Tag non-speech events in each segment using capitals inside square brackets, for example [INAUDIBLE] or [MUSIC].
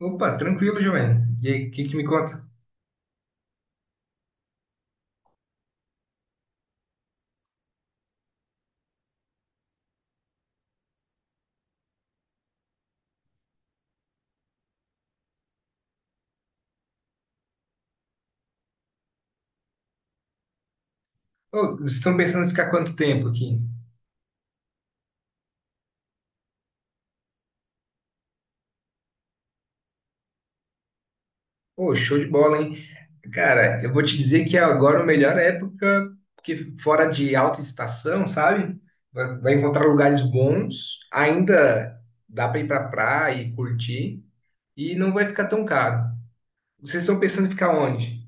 Opa, tranquilo, Giovanni. E aí, o que que me conta? Ô, vocês estão pensando em ficar quanto tempo aqui? Ô, show de bola, hein? Cara, eu vou te dizer que agora é a melhor época, porque fora de alta estação, sabe? Vai encontrar lugares bons, ainda dá para ir pra praia e curtir, e não vai ficar tão caro. Vocês estão pensando em ficar onde?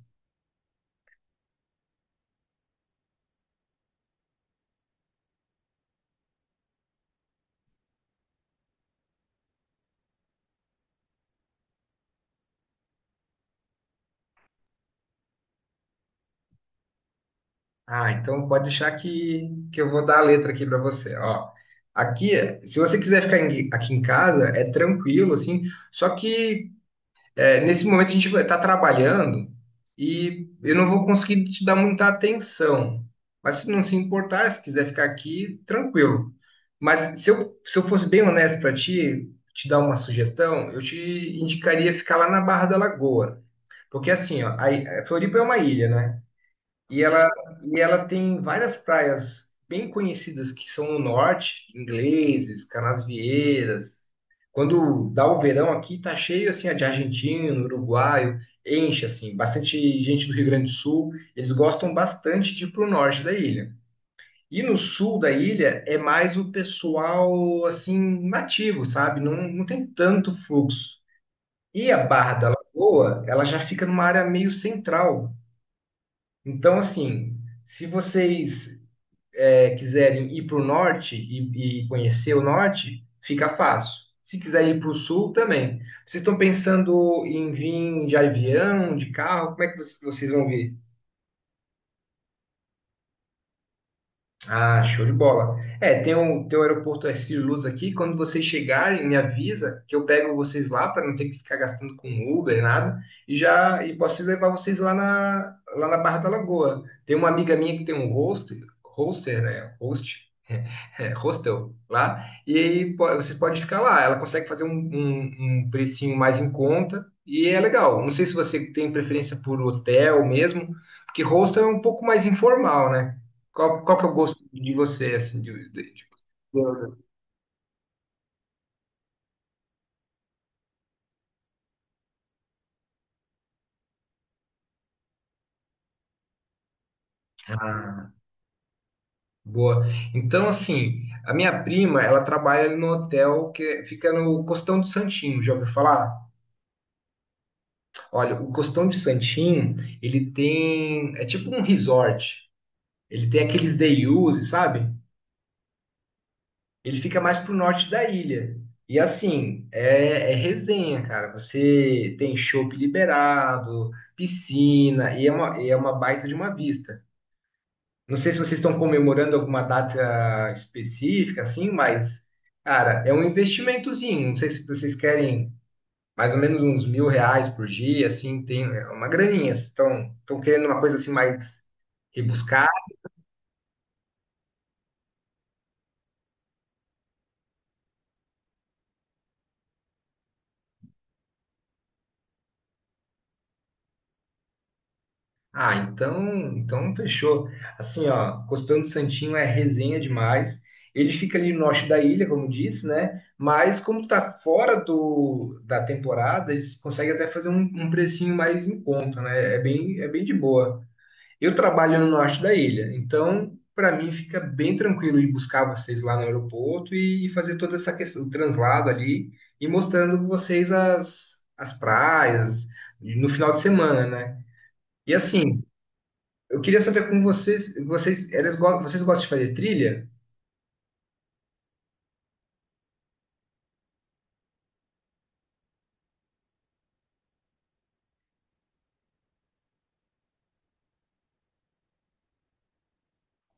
Ah, então pode deixar que eu vou dar a letra aqui para você, ó. Aqui, se você quiser aqui em casa, é tranquilo, assim, só que nesse momento a gente vai estar trabalhando e eu não vou conseguir te dar muita atenção. Mas se não se importar, se quiser ficar aqui, tranquilo. Mas se eu fosse bem honesto para ti, te dar uma sugestão, eu te indicaria ficar lá na Barra da Lagoa. Porque assim, ó, a Floripa é uma ilha, né? E ela, e ela tem várias praias bem conhecidas que são no norte, ingleses, canasvieiras. Quando dá o verão aqui, tá cheio assim de argentino, uruguaio, enche assim, bastante gente do Rio Grande do Sul. Eles gostam bastante de ir pro norte da ilha. E no sul da ilha é mais o pessoal assim nativo, sabe? Não, não tem tanto fluxo. E a Barra da Lagoa, ela já fica numa área meio central. Então, assim, se vocês quiserem ir para o norte e conhecer o norte, fica fácil. Se quiserem ir para o sul, também. Vocês estão pensando em vir de avião, de carro? Como é que vocês vão vir? Ah, show de bola. É, tem o aeroporto Arcílio Luz aqui. Quando vocês chegarem, me avisa que eu pego vocês lá para não ter que ficar gastando com Uber, nada. E posso levar vocês lá na Barra da Lagoa. Tem uma amiga minha que tem um hostel, né? Hostel lá, e vocês podem ficar lá. Ela consegue fazer um precinho mais em conta e é legal. Não sei se você tem preferência por hotel mesmo, porque hostel é um pouco mais informal, né? Qual que é o gosto de você, assim, Ah, boa. Então, assim, a minha prima, ela trabalha no hotel que fica no Costão do Santinho, já ouviu falar? Olha, o Costão de Santinho, ele tem, é tipo um resort. Ele tem aqueles day-use, sabe? Ele fica mais pro norte da ilha. E assim, é resenha, cara. Você tem chopp liberado, piscina, e é uma baita de uma vista. Não sei se vocês estão comemorando alguma data específica, assim, mas, cara, é um investimentozinho. Não sei se vocês querem mais ou menos uns R$ 1.000 por dia, assim, tem é uma graninha. Estão querendo uma coisa assim mais Ah, então fechou. Assim, ó, Costão do Santinho é resenha demais. Ele fica ali no norte da ilha, como disse, né? Mas como tá da temporada, eles conseguem até fazer um precinho mais em conta, né? É bem de boa. Eu trabalho no norte da ilha, então para mim fica bem tranquilo de buscar vocês lá no aeroporto e fazer toda essa questão, o translado ali e mostrando vocês as praias no final de semana, né? E assim, eu queria saber com vocês, vocês gostam de fazer trilha?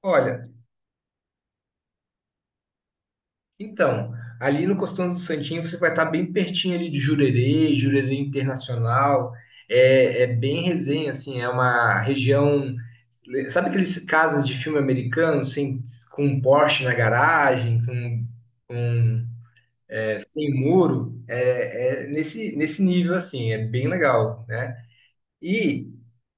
Olha, então, ali no Costão do Santinho você vai estar bem pertinho ali de Jurerê, Jurerê Internacional, é bem resenha, assim, é uma região, sabe aqueles casas de filme americano, sem, com um Porsche na garagem, com sem muro? É, nesse nível, assim, é bem legal, né? E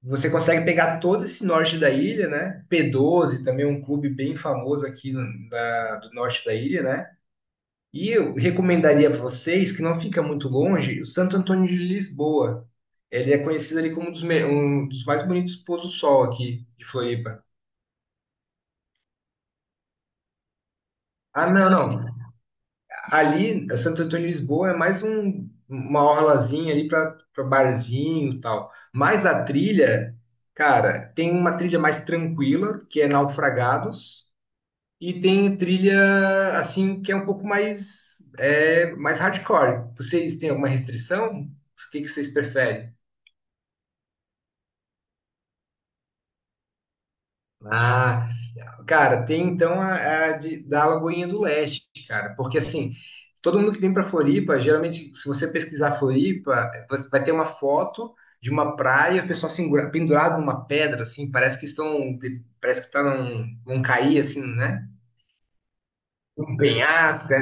você consegue pegar todo esse norte da ilha, né? P12 também é um clube bem famoso aqui no- da- do norte da ilha, né? E eu recomendaria para vocês, que não fica muito longe, o Santo Antônio de Lisboa. Ele é conhecido ali como um um dos mais bonitos pôr do sol aqui de Floripa. Ah, não, não. Ali, o Santo Antônio de Lisboa é mais uma orlazinha ali para barzinho e tal. Mas a trilha, cara, tem uma trilha mais tranquila, que é Naufragados, e tem trilha, assim, que é um pouco mais, mais hardcore. Vocês têm alguma restrição? O que que vocês preferem? Ah, cara, tem então da Lagoinha do Leste, cara, porque assim, todo mundo que vem para Floripa, geralmente, se você pesquisar Floripa, você vai ter uma foto de uma praia, o pessoal pendurado numa pedra, assim, parece que estão, parece que tá num, vão cair, assim, né? Um penhasco,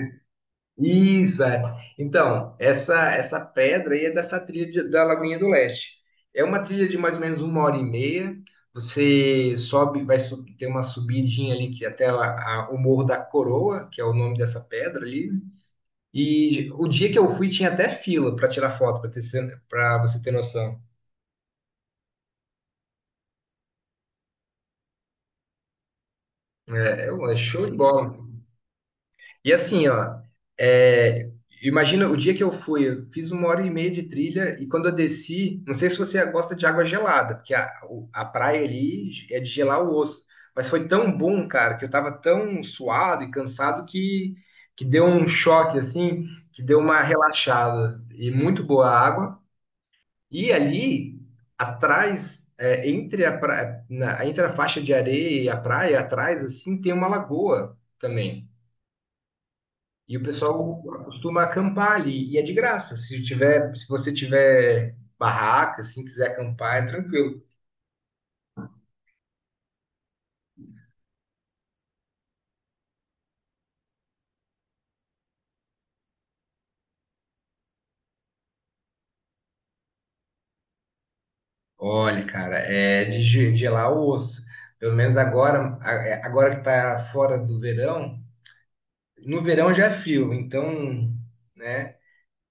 isso, é. Então, essa pedra aí é dessa da Lagoinha do Leste. É uma trilha de mais ou menos 1h30. Você sobe, ter uma subidinha ali que o Morro da Coroa, que é o nome dessa pedra ali. E o dia que eu fui tinha até fila para tirar foto, para você ter noção. É, é show de bola. E assim, ó, é, imagina o dia que eu fui, eu fiz 1h30 de trilha e quando eu desci, não sei se você gosta de água gelada, porque a praia ali é de gelar o osso, mas foi tão bom, cara, que eu tava tão suado e cansado que deu um choque, assim, que deu uma relaxada. E muito boa a água. E ali, atrás, entre entre a faixa de areia e a praia, atrás, assim, tem uma lagoa também. E o pessoal costuma acampar ali. E é de graça. Se você tiver barraca, assim, quiser acampar, é tranquilo. Olha, cara, é gelar o osso. Pelo menos agora, agora que tá fora do verão, no verão já é frio, então, né?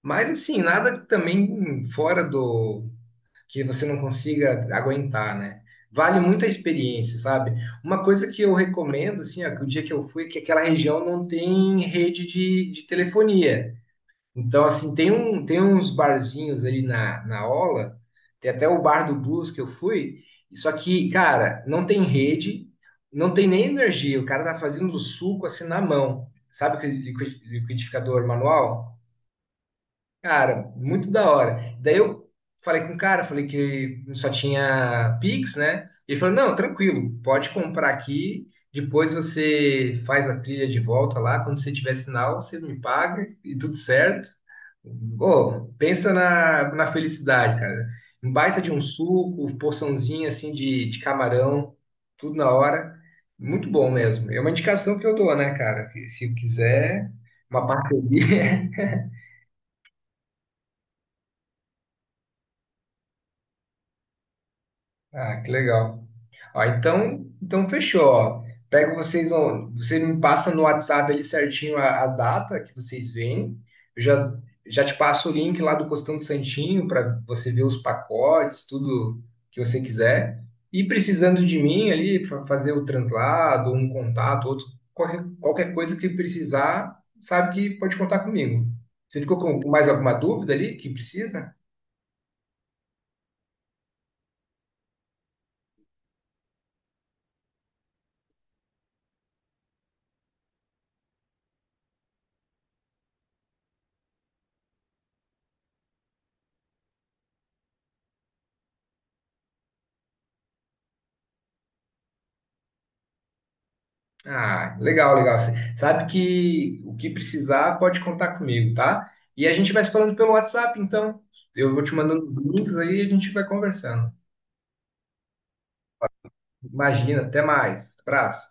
Mas assim, nada também fora do que você não consiga aguentar, né? Vale muito a experiência, sabe? Uma coisa que eu recomendo, assim, ó, que o dia que eu fui, é que aquela região não tem rede de telefonia. Então, assim, tem uns barzinhos na Ola, tem até o bar do Blues que eu fui, só que, cara, não tem rede, não tem nem energia, o cara tá fazendo o suco assim na mão. Sabe aquele liquidificador manual? Cara, muito da hora. Daí eu falei com o cara, falei que só tinha Pix, né? Ele falou: não, tranquilo, pode comprar aqui. Depois você faz a trilha de volta lá. Quando você tiver sinal, você me paga e tudo certo. Ô, pensa na felicidade, cara. Um baita de um suco, porçãozinha assim de camarão, tudo na hora. Muito bom mesmo. É uma indicação que eu dou, né, cara? Que se quiser, uma parceria. [LAUGHS] Ah, que legal. Ó, então, então fechou. Ó. Pego vocês, ó, você me passa no WhatsApp ali certinho a data que vocês vêm. Eu já, já te passo o link lá do Costão do Santinho para você ver os pacotes, tudo que você quiser. E precisando de mim ali, fazer o translado, um contato, outro, qualquer coisa que precisar, sabe que pode contar comigo. Você ficou com mais alguma dúvida ali que precisa? Ah, legal, legal. Cê sabe que o que precisar pode contar comigo, tá? E a gente vai se falando pelo WhatsApp, então. Eu vou te mandando os links aí e a gente vai conversando. Imagina, até mais. Abraço.